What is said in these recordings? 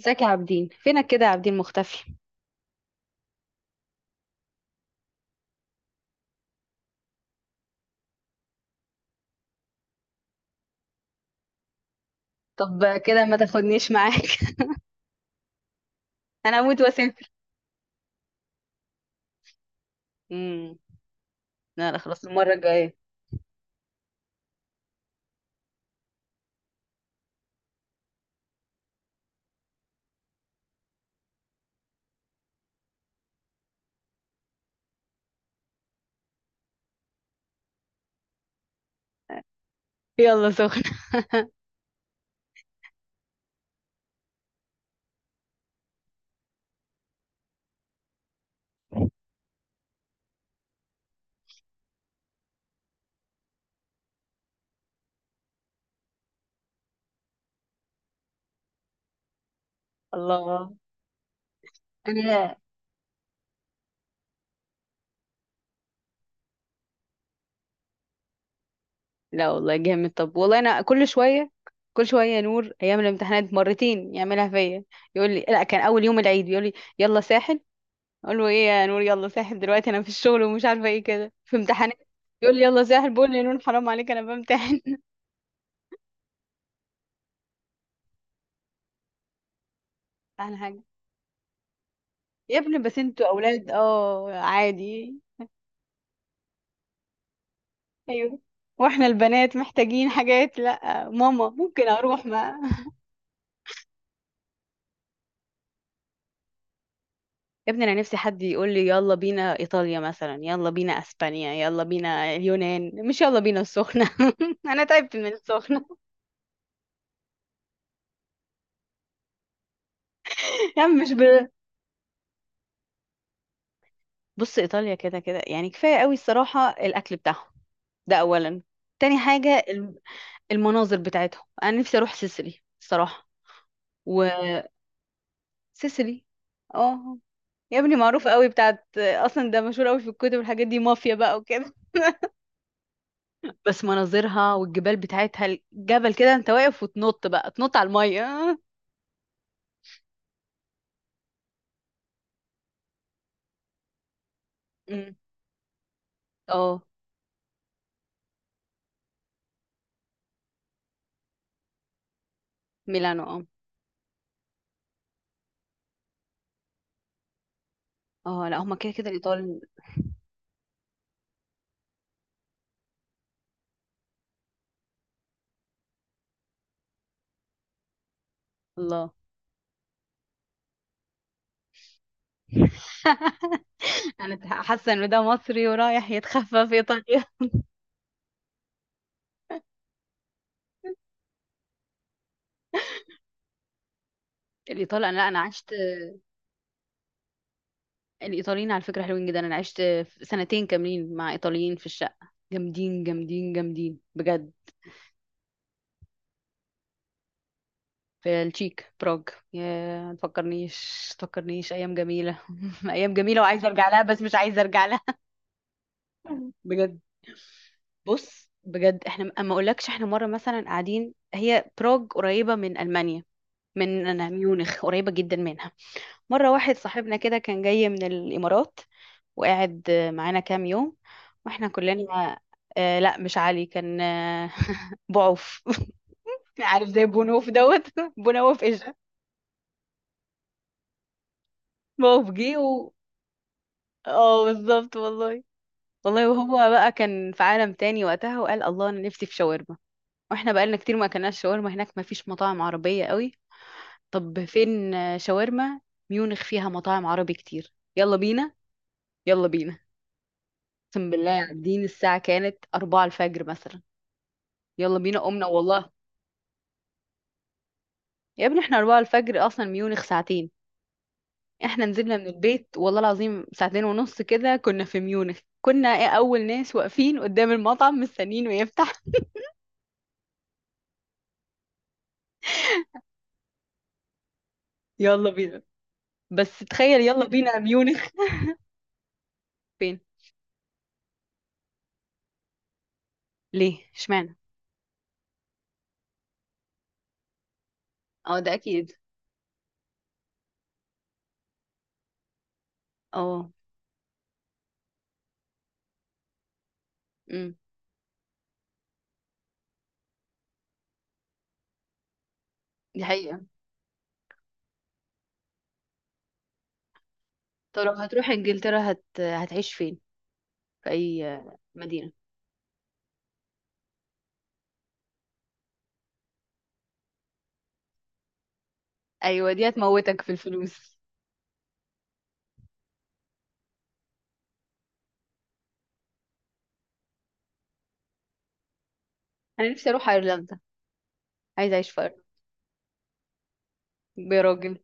ازيك يا عابدين؟ فينك كده يا عابدين؟ مختفي؟ طب كده ما تاخدنيش معاك. انا هموت واسافر. امم. لا لا، خلاص المره الجايه. يلا سخن. الله. انا. لا والله جامد. طب والله انا كل شويه يا نور، ايام الامتحانات مرتين يعملها فيا. يقول لي لا، كان اول يوم العيد بيقول لي يلا ساحل. اقول له ايه يا نور، يلا ساحل دلوقتي؟ انا في الشغل ومش عارفه ايه، كده في امتحانات. يقول لي يلا ساحل. بقول له يا نور حرام عليك، انا بمتحن. احلى حاجه. يا ابني بس انتوا اولاد عادي. ايوه. واحنا البنات محتاجين حاجات، لا ماما ممكن اروح، ما... يا ابني انا نفسي حد يقول لي يلا بينا ايطاليا مثلا، يلا بينا اسبانيا، يلا بينا اليونان، مش يلا بينا السخنه. انا تعبت من السخنه. يا عم مش ب... بص، ايطاليا كده كده يعني كفايه قوي، الصراحه الاكل بتاعهم، ده اولا. تاني حاجه المناظر بتاعتهم، انا نفسي اروح سيسيلي الصراحه. وسيسيلي. اه. يا ابني معروفه قوي، بتاعت اصلا ده مشهور قوي في الكتب والحاجات دي، مافيا بقى وكده. بس مناظرها والجبال بتاعتها، الجبل كده انت واقف وتنط بقى تنط على المية. اه. أمم. آه، ميلانو اه. اه، لا هما كده كده الايطال... الله. انا حاسه ان ده مصري ورايح يتخفى في ايطاليا. الايطال... انا، لا، انا عشت. الايطاليين على فكره حلوين جدا. انا عشت سنتين كاملين مع ايطاليين في الشقه. جامدين جامدين جامدين بجد. في التشيك، براغ. يا ما تفكرنيش، ما تفكرنيش، ايام جميله. ايام جميله وعايزه ارجع لها، بس مش عايزه ارجع لها. بجد. بص بجد، احنا اما اقولكش، احنا مره مثلا قاعدين، هي بروج قريبه من المانيا، أنا ميونخ قريبه جدا منها. مره واحد صاحبنا كده كان جاي من الامارات، وقاعد معانا كام يوم، واحنا كلنا... آه، لا مش علي، كان بعوف. عارف، زي بونوف دوت... بونوف ايش؟ بعوف جه و... اه بالظبط والله. والله وهو بقى كان في عالم تاني وقتها، وقال الله انا نفسي في شاورما. واحنا بقالنا كتير ما اكلناش شاورما، هناك ما فيش مطاعم عربية قوي. طب فين شاورما؟ ميونخ فيها مطاعم عربي كتير، يلا بينا. يلا بينا. اقسم بالله، قاعدين الساعة كانت أربعة الفجر مثلا، يلا بينا. قمنا والله. يا ابني، احنا أربعة الفجر، أصلا ميونخ ساعتين، احنا نزلنا من البيت والله العظيم ساعتين ونص كده كنا في ميونخ، كنا ايه، أول ناس واقفين قدام المطعم مستنيين ويفتح. يلا بينا. بس تخيل يلا بينا ميونخ. فين؟ ليه، اشمعنى؟ اه، ده أكيد. اه، دي حقيقة. طب لو هتروح انجلترا هتعيش فين، في اي مدينة؟ ايوه دي هتموتك في الفلوس. انا نفسي اروح ايرلندا، عايزة اعيش في ايرلندا. يا راجل.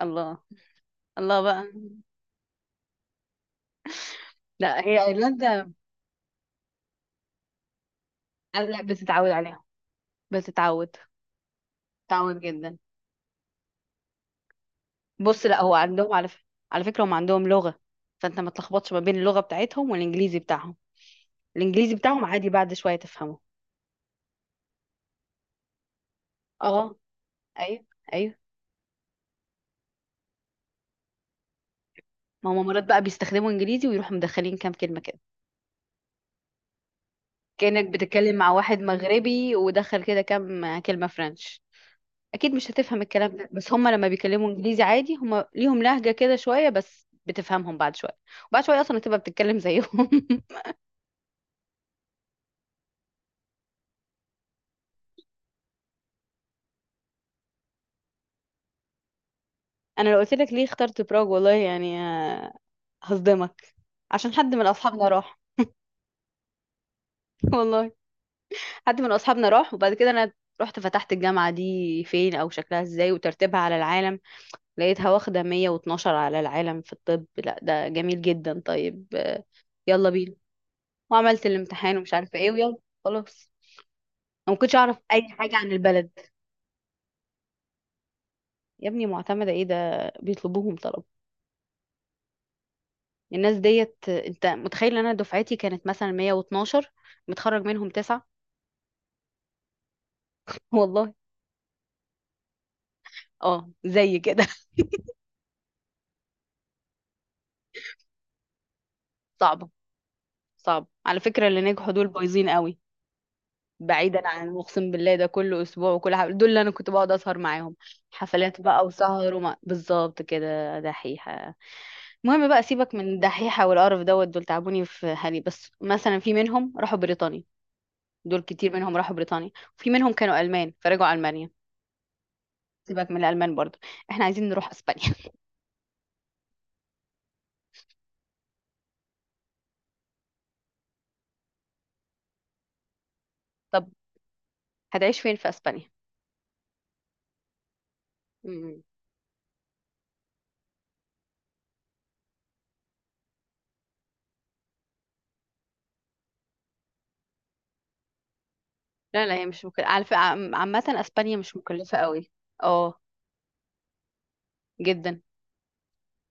الله، الله بقى. لا هي ايرلندا... أنا، لا، بتتعود عليها. بتتعود. بتتعود جدا. بص، لا هو عندهم على فكرة هم عندهم لغة، فانت ما تلخبطش ما بين اللغة بتاعتهم والانجليزي بتاعهم. الانجليزي بتاعهم عادي، بعد شوية تفهمه. اه. ايوه. ايوه. ما هم مرات بقى بيستخدموا انجليزي ويروحوا مدخلين كام كلمة كده، كأنك بتتكلم مع واحد مغربي ودخل كده كام كلمة فرنش. أكيد مش هتفهم الكلام ده، بس هما لما بيكلموا إنجليزي عادي، هما ليهم لهجة كده شوية، بس بتفهمهم بعد شوية. وبعد شوية أصلا هتبقى بتتكلم زيهم. أنا لو قلت لك ليه اخترت براغ، والله يعني، هصدمك. عشان حد من أصحابنا راح. والله. حد من أصحابنا راح، وبعد كده أنا رحت فتحت الجامعة دي فين أو شكلها إزاي وترتيبها على العالم. لقيتها واخدة 112 على العالم في الطب، لا ده جميل جدا، طيب يلا بينا. وعملت الامتحان ومش عارفه ايه ويلا، خلاص. انا ما كنتش اعرف اي حاجه عن البلد. يا ابني معتمده، ايه ده، بيطلبوهم طلب. الناس ديت، انت متخيل ان انا دفعتي كانت مثلا 112، متخرج منهم تسعة. والله. اه، زي كده. صعبه. صعبه على فكره، اللي نجحوا دول بايظين قوي. بعيدا عن اقسم بالله ده، كل اسبوع وكل حاجه، دول اللي انا كنت بقعد اسهر معاهم، حفلات بقى وسهر وما بالظبط كده، دحيحه. المهم بقى، سيبك من الدحيحة والقرف دوت، دول تعبوني في حالي. بس مثلا في منهم راحوا بريطانيا، دول كتير منهم راحوا بريطانيا. وفي منهم كانوا ألمان فرجعوا ألمانيا. سيبك من الألمان برضو، احنا عايزين نروح أسبانيا. طب هتعيش فين في أسبانيا؟ مم. لا لا، هي مش مكلفة على فكرة، عامة أسبانيا مش مكلفة قوي. اه، جدا.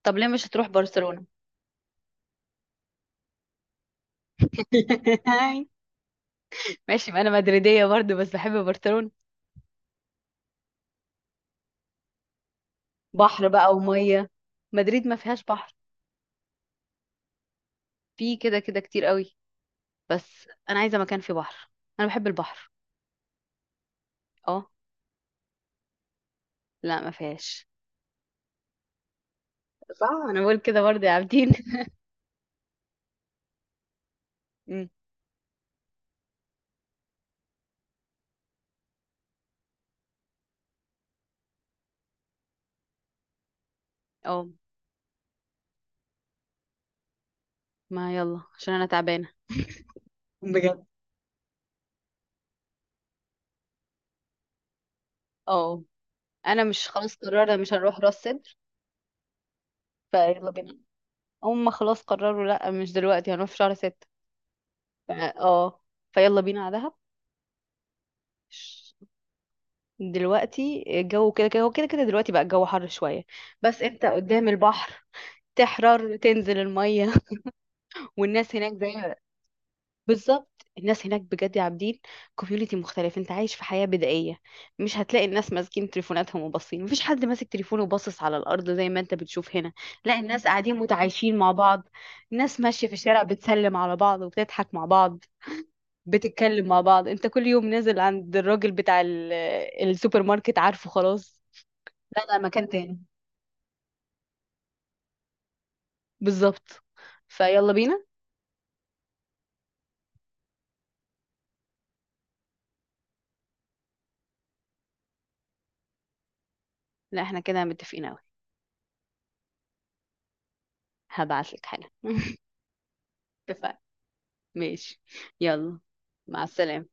طب ليه مش هتروح برشلونة؟ ماشي، ما انا مدريدية برضو بس بحب برشلونة. بحر بقى ومية، مدريد ما فيهاش بحر. في كده كده كتير قوي، بس انا عايزه مكان فيه بحر. انا بحب البحر. اه. لا ما فيهاش. صح، انا بقول كده برضه يا عابدين. أمم، اه، ما يلا عشان انا تعبانه. بجد. اه. انا مش، خلاص قررنا مش هنروح راس سدر. فيلا بينا. هم خلاص قرروا لا، مش دلوقتي، هنروح في شهر ستة. ف- اه فيلا بينا على دهب. ش- دلوقتي الجو كده كده، هو كده كده دلوقتي بقى الجو حر شويه، بس انت قدام البحر تحرر تنزل الميه. والناس هناك زي... بالظبط الناس هناك بجد يا عابدين، كوميونيتي مختلف، انت عايش في حياة بدائية. مش هتلاقي الناس ماسكين تليفوناتهم وباصين، مفيش حد ماسك تليفونه وباصص على الأرض زي ما انت بتشوف هنا. لا الناس قاعدين متعايشين مع بعض، الناس ماشية في الشارع بتسلم على بعض وبتضحك مع بعض، بتتكلم مع بعض. انت كل يوم نازل عند الراجل بتاع السوبر ماركت، عارفه، خلاص. لا لا، مكان تاني. بالظبط. فيلا بينا. لا احنا كده متفقين اوي. هبعتلك حالا. اتفقنا. ماشي. يلا. مع السلامة.